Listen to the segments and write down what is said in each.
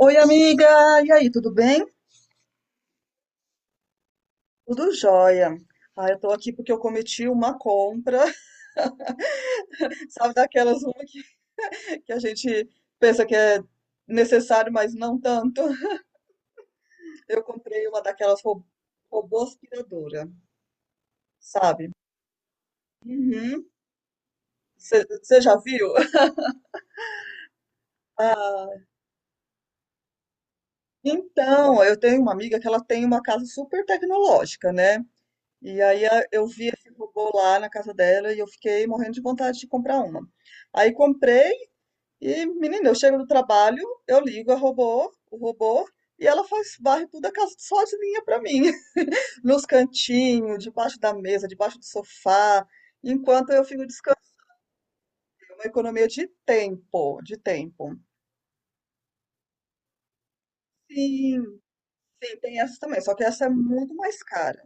Oi, amiga! E aí, tudo bem? Tudo jóia. Eu tô aqui porque eu cometi uma compra, sabe, daquelas uma que a gente pensa que é necessário, mas não tanto. Eu comprei uma daquelas ro robô aspiradora, sabe? Você já viu? Ah, eu tenho uma amiga que ela tem uma casa super tecnológica, né? E aí eu vi esse robô lá na casa dela e eu fiquei morrendo de vontade de comprar uma. Aí comprei. E, menina, eu chego do trabalho, eu ligo o robô, e ela faz, varre tudo a casa só de linha pra mim. Nos cantinhos, debaixo da mesa, debaixo do sofá, enquanto eu fico descansando. É uma economia de de tempo. Sim, sim, tem essa também, só que essa é muito mais cara.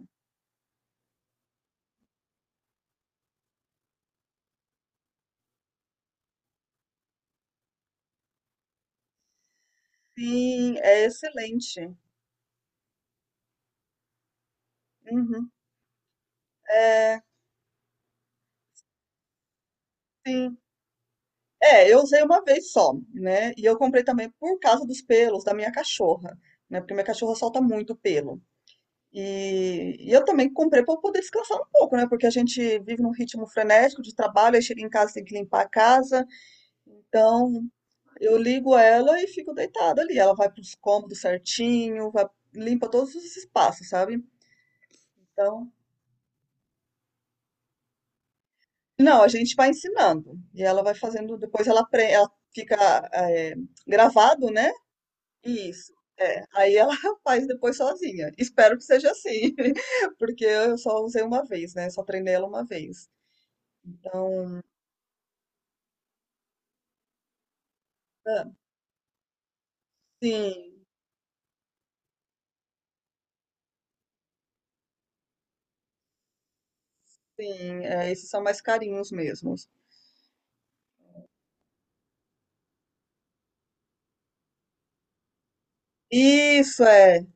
Sim, é excelente. Uhum, é, sim. É, eu usei uma vez só, né? E eu comprei também por causa dos pelos da minha cachorra, né? Porque minha cachorra solta muito pelo. E eu também comprei para poder descansar um pouco, né? Porque a gente vive num ritmo frenético de trabalho, aí chega em casa tem que limpar a casa. Então eu ligo ela e fico deitada ali. Ela vai para os cômodos certinho, vai, limpa todos os espaços, sabe? Então, não, a gente vai ensinando. E ela vai fazendo, depois ela, ela fica eh, gravado, né? Isso. É, aí ela faz depois sozinha. Espero que seja assim, porque eu só usei uma vez, né? Só treinei ela uma vez. Então, ah, sim, sim, é, esses são mais carinhos mesmo. Isso é,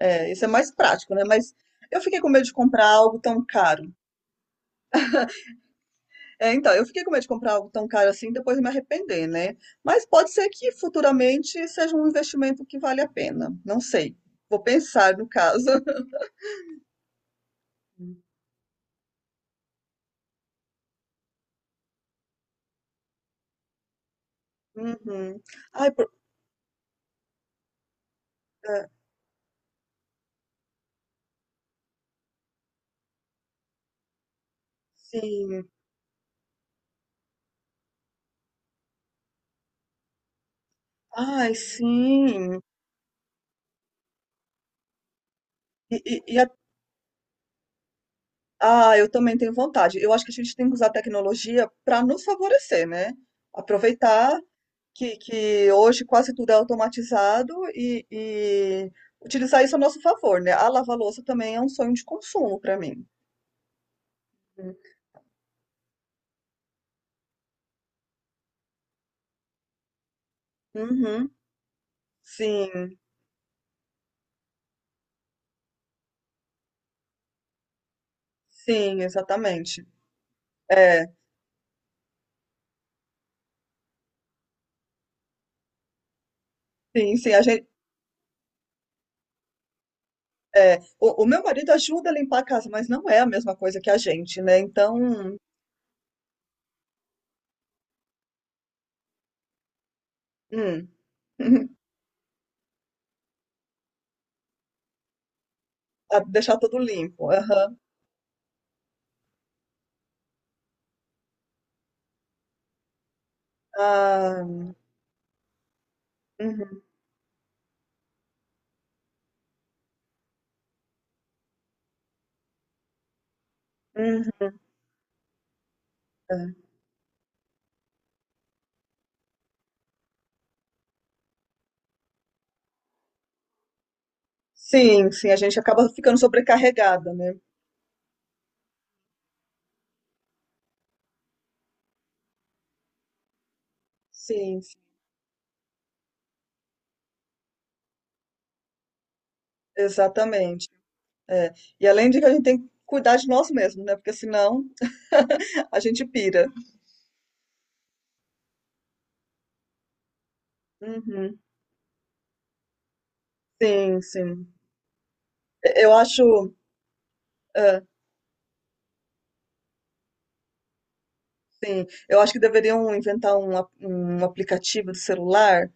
é, isso é mais prático, né? Mas eu fiquei com medo de comprar algo tão caro. É, então, eu fiquei com medo de comprar algo tão caro assim, e depois me arrepender, né? Mas pode ser que futuramente seja um investimento que vale a pena. Não sei. Vou pensar no caso. Uhum. Ai, por- é, sim. Ai, sim. E, e- e Ah, eu também tenho vontade. Eu acho que a gente tem que usar a tecnologia para nos favorecer, né? Aproveitar que hoje quase tudo é automatizado e utilizar isso a nosso favor, né? A lava-louça também é um sonho de consumo para mim. Uhum, sim, sim, exatamente. É, sim, sim, a gente, é, o meu marido ajuda a limpar a casa, mas não é a mesma coisa que a gente, né? Então, hum, a deixar tudo limpo. Aham. Ah, uhum, uhum. É. Sim, sim, a gente acaba ficando sobrecarregada, né. Sim, sim, exatamente. É. E além de que a gente tem que cuidar de nós mesmos, né, porque senão a gente pira. Uhum. Sim, sim. E eu acho hã, sim, eu acho que deveriam inventar um a um aplicativo de celular,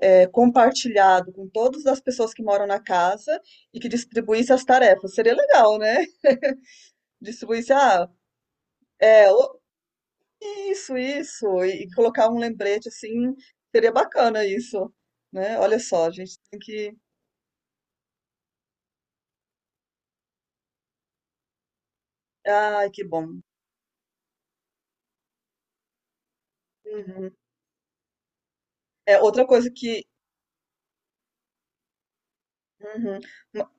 compartilhado com todas as pessoas que moram na casa e que distribuísse as tarefas. Seria legal, né. Distribuísse, ah, é, isso, isso. E colocar um lembrete assim, seria bacana isso, né. Olha só, a gente tem que ai, que bom. Uhum. É, outra coisa que uhum. Uma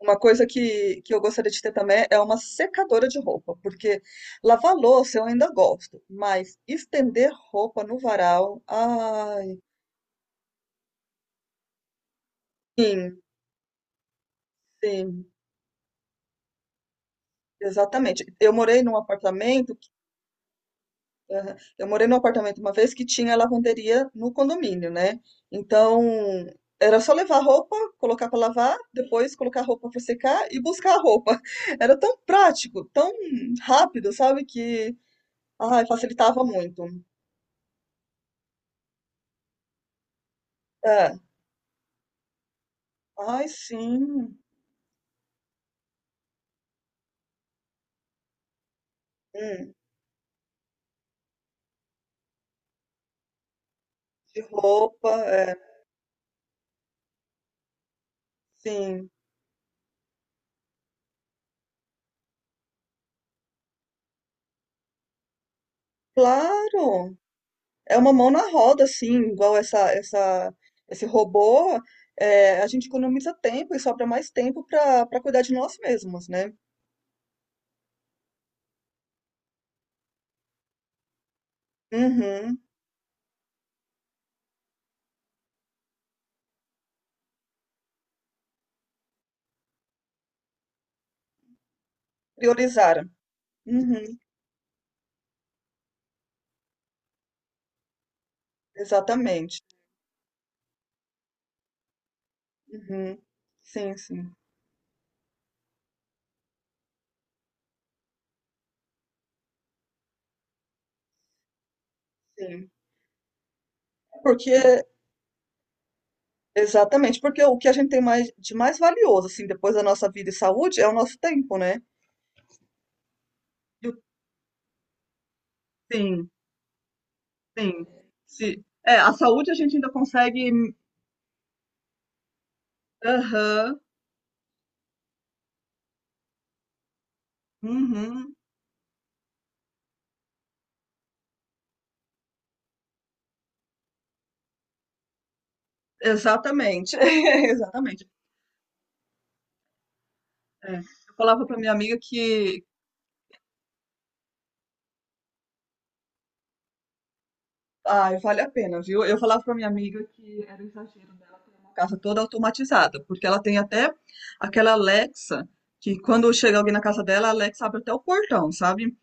uma coisa que eu gostaria de ter também é uma secadora de roupa, porque lavar louça eu ainda gosto, mas estender roupa no varal, ai. Sim, sim, exatamente. Eu morei num apartamento. Aham. Eu morei num apartamento uma vez que tinha lavanderia no condomínio, né? Então, era só levar a roupa, colocar para lavar, depois colocar a roupa para secar e buscar a roupa. Era tão prático, tão rápido, sabe? Que, ai, facilitava muito. É. Ai, sim. Hum, de roupa, é. Sim. Claro. É uma mão na roda, assim, igual esse robô. É, a gente economiza tempo e sobra mais tempo para cuidar de nós mesmos, né? Uhum. Priorizar. Uhum. Exatamente. Uhum. Sim, sim. Porque, exatamente, porque o que a gente tem mais, de mais valioso, assim, depois da nossa vida e saúde, é o nosso tempo, né? E o- sim, sim. Se, é, a saúde a gente ainda consegue. Aham, uhum, exatamente. Exatamente. É, eu falava pra minha amiga que. Ai, vale a pena, viu? Eu falava pra minha amiga que era exagero dela ter uma casa toda automatizada, porque ela tem até aquela Alexa, que quando chega alguém na casa dela, a Alexa abre até o portão, sabe?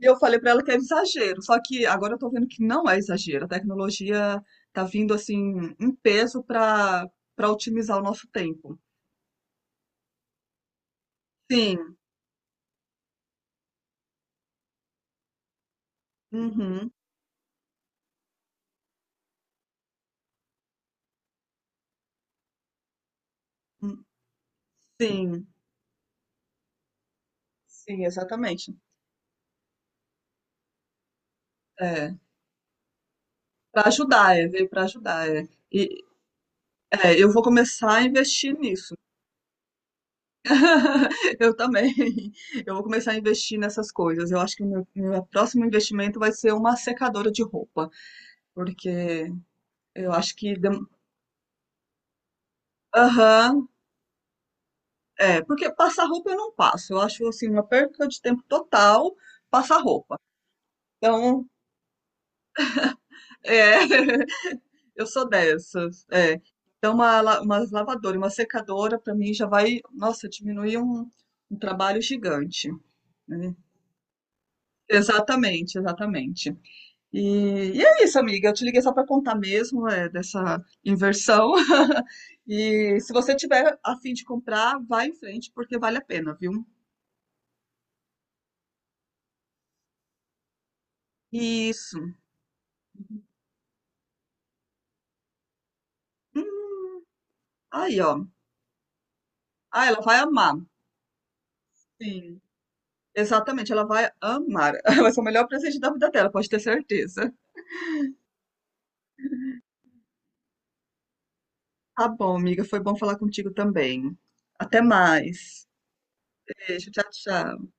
E eu falei pra ela que era exagero, só que agora eu tô vendo que não é exagero. A tecnologia tá vindo assim em peso para otimizar o nosso tempo. Sim, uhum, hum, sim, sim, exatamente. É, para ajudar, é, veio para ajudar, é. E, é, eu vou começar a investir nisso. Eu também. Eu vou começar a investir nessas coisas. Eu acho que o meu próximo investimento vai ser uma secadora de roupa, porque eu acho que dem- aham, é, porque passar roupa eu não passo. Eu acho assim uma perca de tempo total passar roupa. Então, é, eu sou dessas. É. Então, uma lavadora, e uma secadora, para mim já vai, nossa, diminuir um trabalho gigante. Né? Exatamente, exatamente. E é isso, amiga. Eu te liguei só para contar mesmo é, dessa inversão. E se você tiver a fim de comprar, vai em frente, porque vale a pena, viu? Isso. Hum, aí, ó. Ah, ela vai amar. Sim. Exatamente, ela vai amar. Vai ser o melhor presente da vida dela, pode ter certeza. Tá bom, amiga. Foi bom falar contigo também. Até mais. Beijo, tchau, tchau.